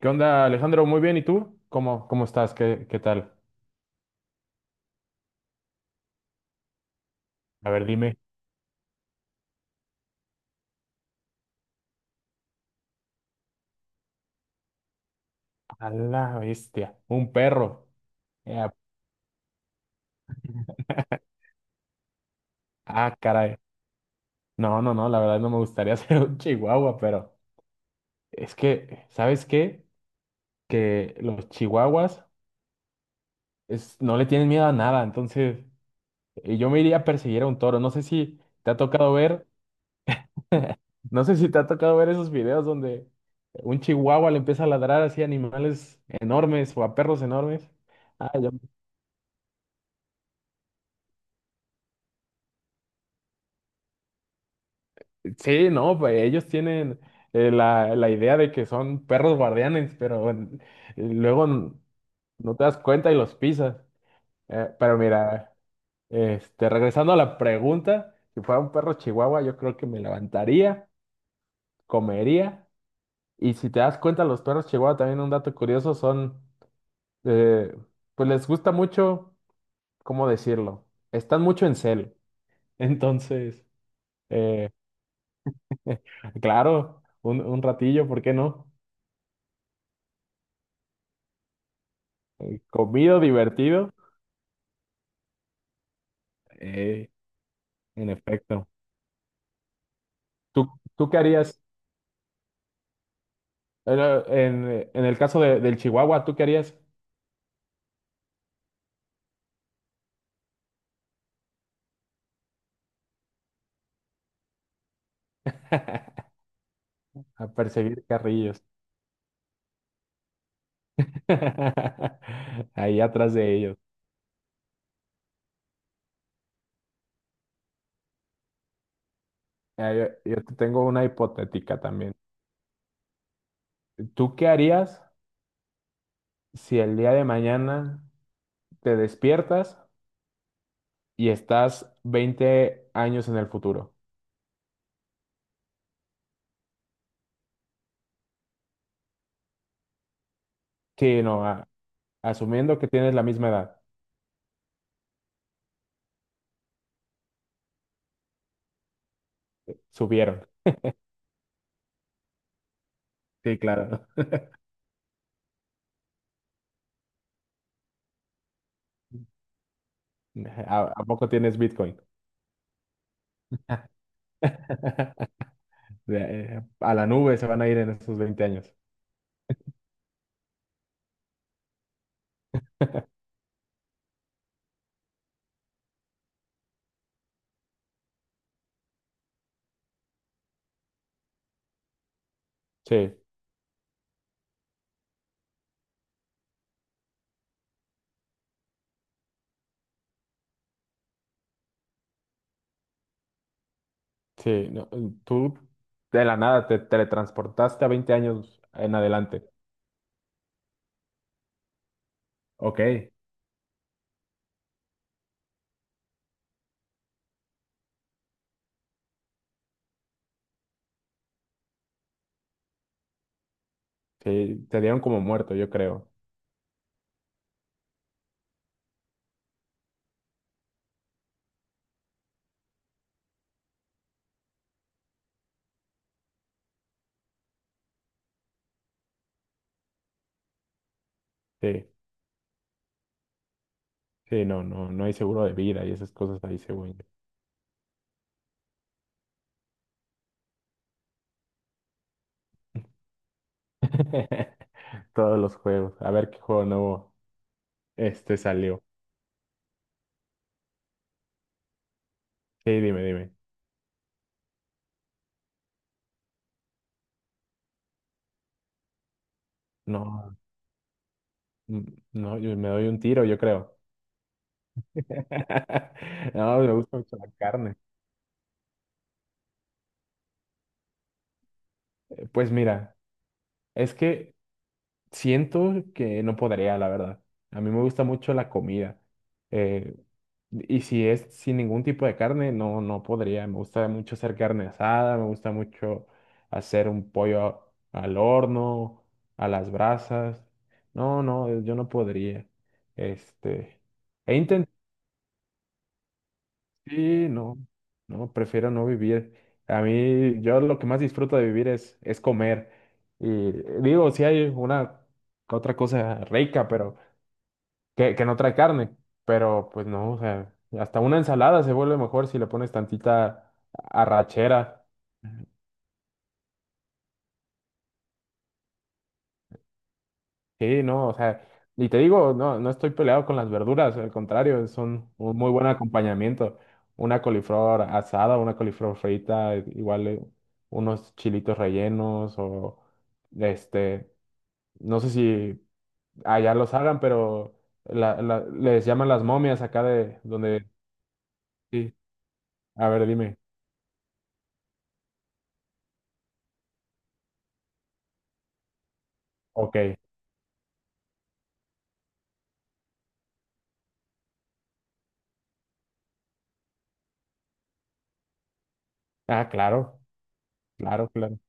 ¿Qué onda, Alejandro? Muy bien, ¿y tú? ¿Cómo estás? ¿Qué tal? A ver, dime. A la bestia, un perro. Ya. Ah, caray. No, no, no, la verdad no me gustaría ser un chihuahua, pero es que, ¿sabes qué? Que los chihuahuas no le tienen miedo a nada, entonces yo me iría a perseguir a un toro. No sé si te ha tocado ver esos videos donde un chihuahua le empieza a ladrar así a animales enormes o a perros enormes. Ah, yo Sí, no, pues ellos tienen la idea de que son perros guardianes, pero luego no te das cuenta y los pisas. Pero mira, regresando a la pregunta, si fuera un perro chihuahua, yo creo que me levantaría, comería, y si te das cuenta, los perros chihuahua también un dato curioso son, eh, pues les gusta mucho, ¿cómo decirlo? Están mucho en cel. Entonces, eh, claro, un ratillo, ¿por qué no? Comido, divertido, eh, en efecto. ¿Tú, tú qué harías? Bueno, en el caso del chihuahua, ¿tú qué harías? A perseguir carrillos. Ahí atrás de ellos. Ah, yo te tengo una hipotética también. ¿Tú qué harías si el día de mañana te despiertas y estás 20 años en el futuro? Sí, no, asumiendo que tienes la misma edad. Subieron. Sí, claro. ¿A poco tienes Bitcoin? De- a la nube se van a ir en esos 20 años. Sí, sí, no, tú de la nada te teletransportaste a 20 años en adelante. Ok. Sí, te dieron como muerto, yo creo. Sí, sí, no, no, no hay seguro de vida y esas cosas ahí, según yo. Todos los juegos. A ver qué juego nuevo salió. Sí, dime, dime. No, mm, no, yo me doy un tiro, yo creo. No, me gusta mucho la carne. Pues mira, es que siento que no podría, la verdad. A mí me gusta mucho la comida. Eh, y si es sin ningún tipo de carne, no, no podría. Me gusta mucho hacer carne asada, me gusta mucho hacer un pollo al horno, a las brasas. No, no, yo no podría. Este, he intentado, sí, no, no, prefiero no vivir. A mí, yo lo que más disfruto de vivir es, comer. Y digo, si hay una otra cosa rica, pero que no trae carne, pero pues no, o sea, hasta una ensalada se vuelve mejor si le pones tantita arrachera. Sí, no, o sea, y te digo, no, no estoy peleado con las verduras, al contrario, son un muy buen acompañamiento. Una coliflor asada, una coliflor frita, igual unos chilitos rellenos o este, no sé si allá los hagan, pero les llaman las momias acá de donde, sí, a ver, dime, ok. Ah, claro, claro, claro.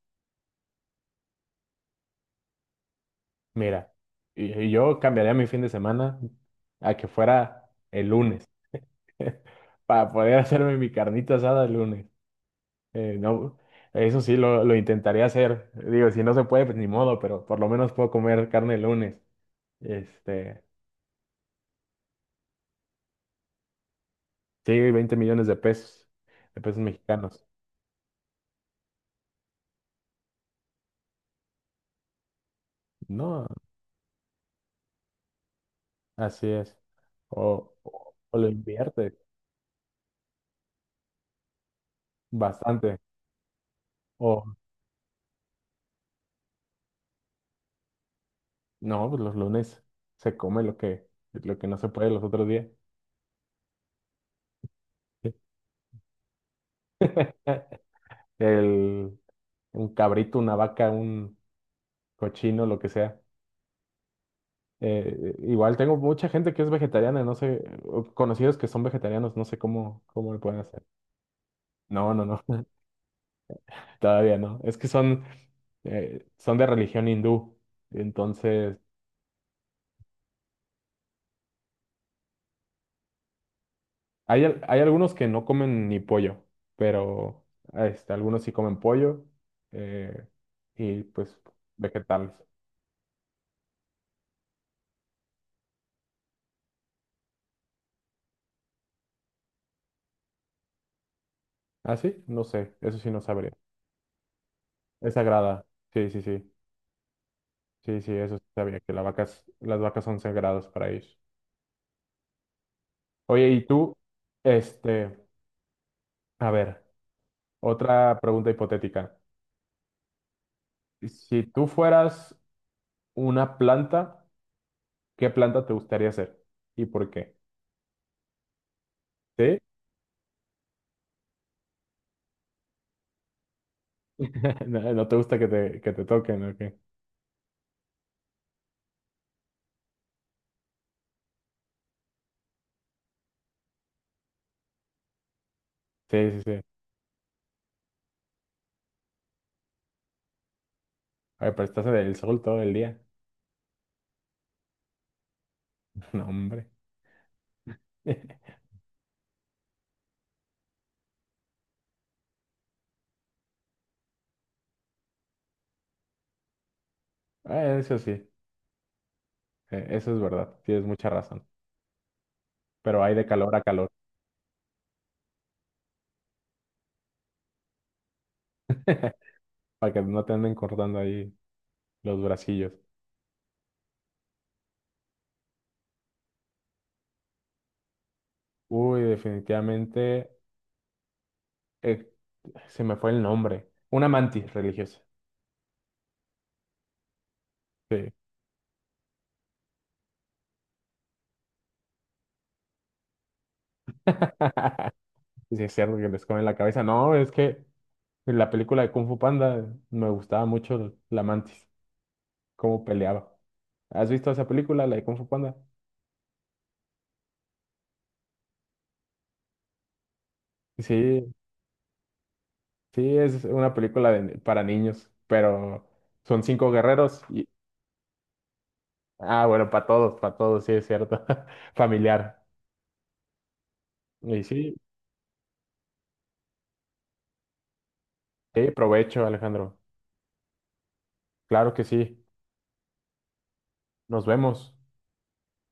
Mira, y yo cambiaría mi fin de semana a que fuera el lunes para poder hacerme mi carnita asada el lunes. No, eso sí lo intentaría hacer. Digo, si no se puede, pues ni modo, pero por lo menos puedo comer carne el lunes. Este, sí, 20 millones de pesos, de pesos mexicanos. No, así es. O lo inviertes bastante. No, pues los lunes se come lo que no se puede los otros días. Eh, El, un cabrito, una vaca, un cochino, lo que sea. Igual tengo mucha gente que es vegetariana, no sé, o conocidos que son vegetarianos, no sé cómo le pueden hacer. No, no, no, todavía no. Es que son de religión hindú. Entonces, hay algunos que no comen ni pollo, pero algunos sí comen pollo eh, y pues vegetales. ¿Ah, sí? No sé, eso sí no sabría. Es sagrada. Sí, sí, sí. Sí, sí, eso sí sabía, que las vacas son sagradas para ellos. Oye, y tú, este, a ver, otra pregunta hipotética. Si tú fueras una planta, ¿qué planta te gustaría ser? ¿Y por qué? ¿Sí? No, no te gusta que te, toquen, ¿o qué? Sí, sí, sí. Ay, pero estás en el sol todo el día. No, hombre. Eso sí, eso es verdad. Tienes mucha razón. Pero hay de calor a calor. Para que no te anden cortando ahí los bracillos. Uy, definitivamente eh, se me fue el nombre. Una mantis religiosa. Sí. Sí, es cierto que les comen la cabeza. No, es que en la película de Kung Fu Panda me gustaba mucho la mantis, cómo peleaba. ¿Has visto esa película, la de Kung Fu Panda? Sí, sí, es una película para niños, pero son cinco guerreros y... Ah, bueno, para todos, sí, es cierto. Familiar. Y sí, sí, provecho, Alejandro. Claro que sí. Nos vemos.